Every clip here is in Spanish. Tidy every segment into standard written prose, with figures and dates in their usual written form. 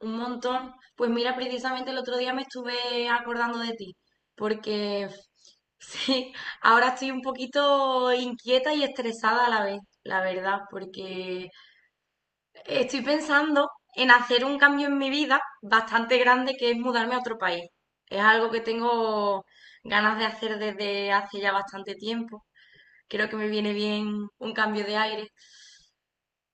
Un montón. Pues mira, precisamente el otro día me estuve acordando de ti, porque sí, ahora estoy un poquito inquieta y estresada a la vez, la verdad, porque estoy pensando en hacer un cambio en mi vida bastante grande que es mudarme a otro país. Es algo que tengo ganas de hacer desde hace ya bastante tiempo. Creo que me viene bien un cambio de aire.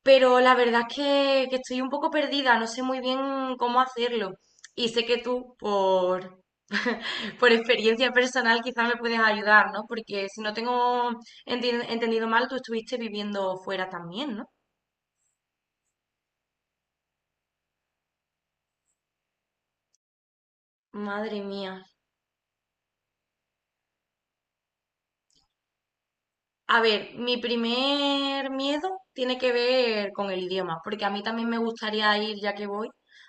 Pero la verdad es que estoy un poco perdida, no sé muy bien cómo hacerlo. Y sé que tú, por, por experiencia personal, quizás me puedes ayudar, ¿no? Porque si no tengo entendido mal, tú estuviste viviendo fuera también, ¿no? Madre mía. A ver, mi primer miedo tiene que ver con el idioma, porque a mí también me gustaría ir, ya que voy,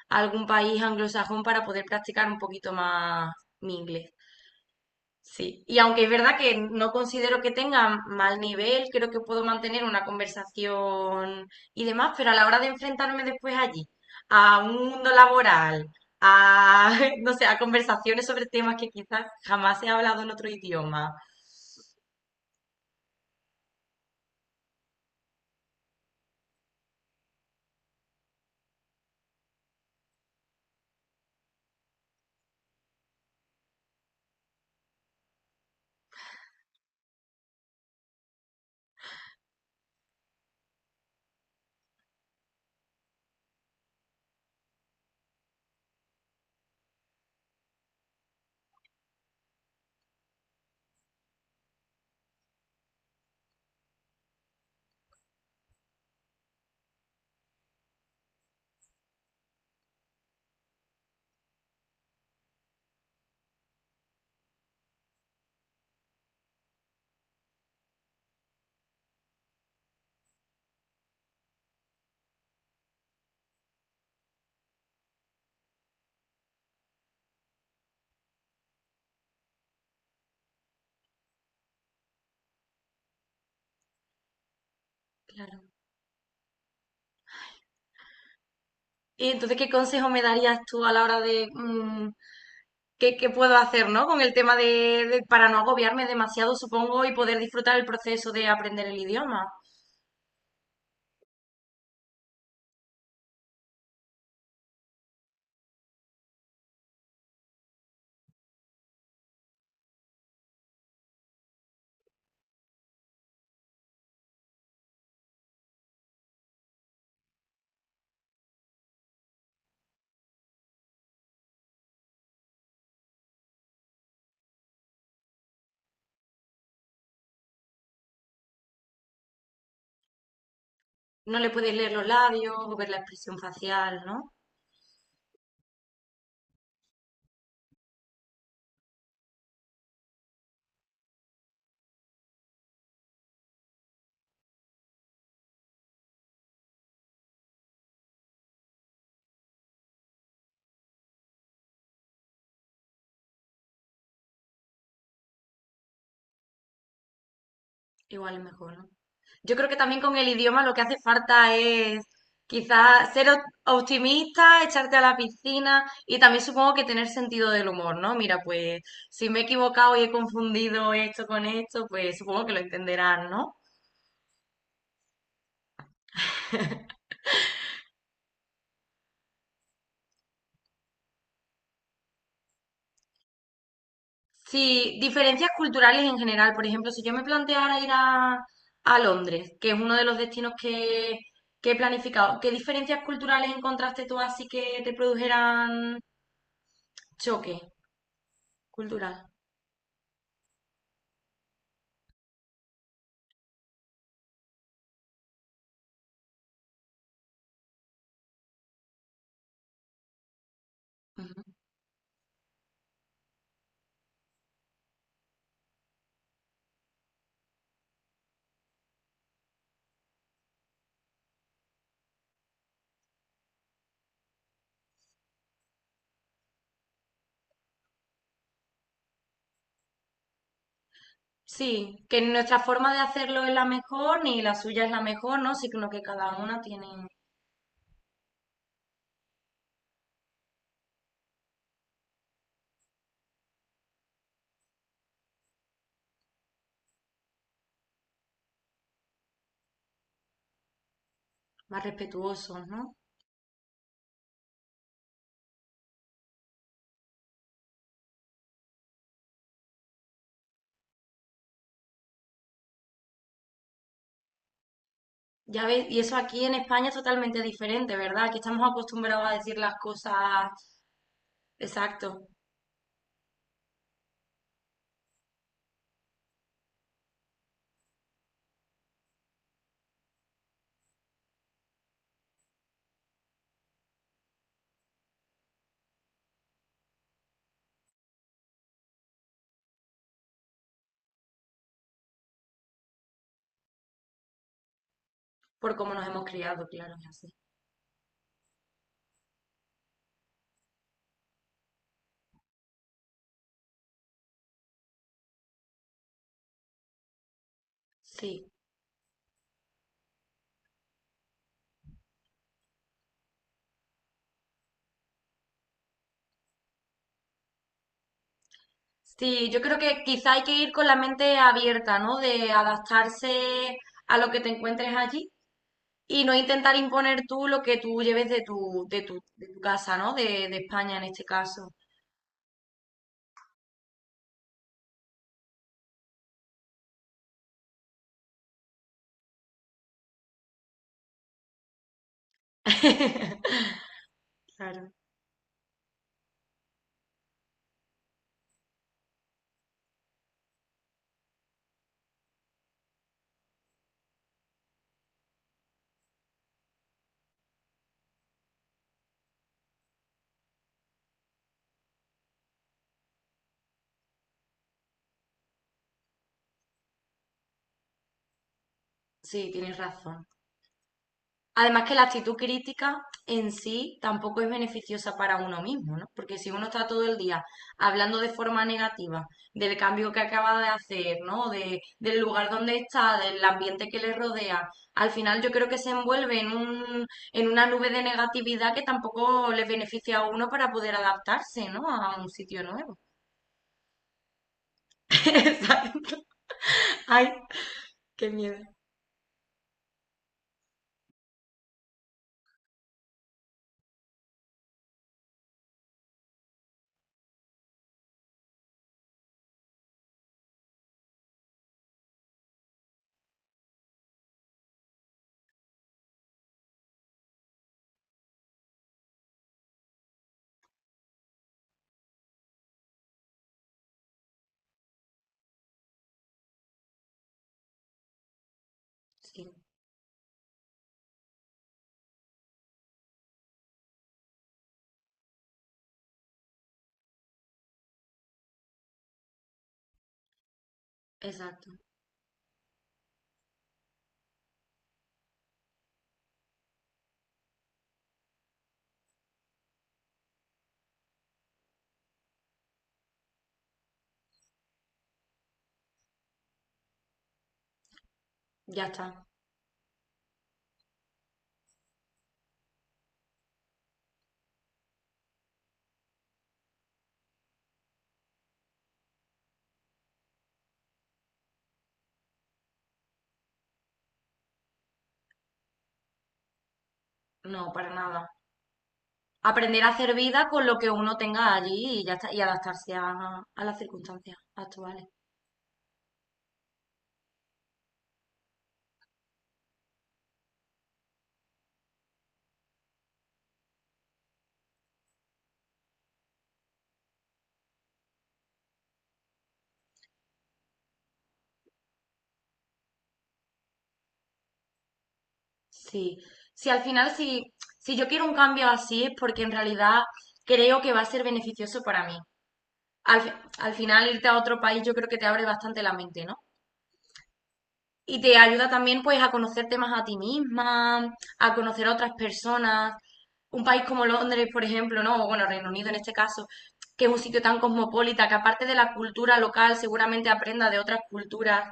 a algún país anglosajón para poder practicar un poquito más mi inglés. Sí, y aunque es verdad que no considero que tenga mal nivel, creo que puedo mantener una conversación y demás, pero a la hora de enfrentarme después allí a un mundo laboral, a, no sé, a conversaciones sobre temas que quizás jamás he hablado en otro idioma. Claro. Y entonces, ¿qué consejo me darías tú a la hora de qué puedo hacer, ¿no? Con el tema de- para no agobiarme demasiado, supongo, y poder disfrutar el proceso de aprender el idioma. No le puedes leer los labios o ver la expresión facial, ¿no? Igual es mejor, ¿no? Yo creo que también con el idioma lo que hace falta es quizás ser optimista, echarte a la piscina y también supongo que tener sentido del humor, ¿no? Mira, pues si me he equivocado y he confundido esto con esto, pues supongo que lo entenderán, ¿no? Sí, diferencias culturales en general. Por ejemplo, si yo me planteara ir a Londres, que es uno de los destinos que he planificado, ¿qué diferencias culturales encontraste tú así que te produjeran choque cultural? Ujú. Sí, que nuestra forma de hacerlo es la mejor, ni la suya es la mejor, ¿no? Sino que cada una tiene más respetuosos, ¿no? Ya ves, y eso aquí en España es totalmente diferente, ¿verdad? Aquí estamos acostumbrados a decir las cosas exacto. Por cómo nos hemos criado, claro, es así. Sí, sí, yo creo que quizá hay que ir con la mente abierta, ¿no? De adaptarse a lo que te encuentres allí y no intentar imponer tú lo que tú lleves de tu, de tu casa, ¿no? De España en este caso. Claro, sí, tienes razón. Además que la actitud crítica en sí tampoco es beneficiosa para uno mismo, ¿no? Porque si uno está todo el día hablando de forma negativa del cambio que acaba de hacer, ¿no? De, del lugar donde está, del ambiente que le rodea, al final yo creo que se envuelve en un, en una nube de negatividad que tampoco le beneficia a uno para poder adaptarse, ¿no? A un sitio nuevo. Exacto. Ay, qué miedo. Sí, exacto. Ya está. No, para nada. Aprender a hacer vida con lo que uno tenga allí y ya está, y adaptarse a las circunstancias actuales. Sí, sí, al final, si, si yo quiero un cambio así es porque en realidad creo que va a ser beneficioso para mí. Al, al final, irte a otro país yo creo que te abre bastante la mente, ¿no? Y te ayuda también pues a conocerte más a ti misma, a conocer a otras personas. Un país como Londres, por ejemplo, ¿no? O bueno, Reino Unido en este caso, que es un sitio tan cosmopolita, que aparte de la cultura local seguramente aprenda de otras culturas.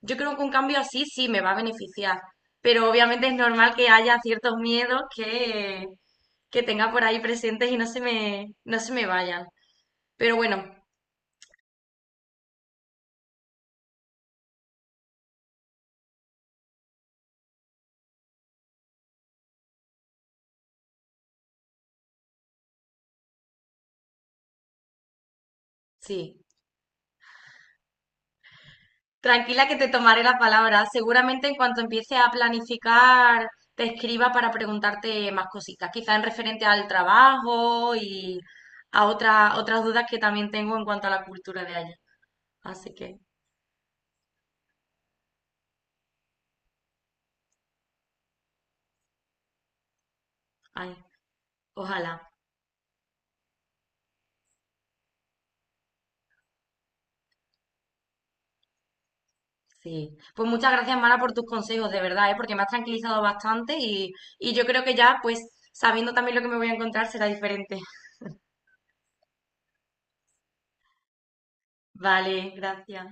Yo creo que un cambio así sí me va a beneficiar, pero obviamente es normal que haya ciertos miedos que tenga por ahí presentes y no se me, no se me vayan. Pero bueno, sí. Tranquila que te tomaré la palabra. Seguramente en cuanto empiece a planificar, te escriba para preguntarte más cositas, quizá en referente al trabajo y a otras dudas que también tengo en cuanto a la cultura de allá. Así que, ay, ojalá, sí. Pues muchas gracias, Mara, por tus consejos, de verdad, ¿eh? Porque me has tranquilizado bastante y yo creo que ya, pues, sabiendo también lo que me voy a encontrar, será diferente. Vale, gracias.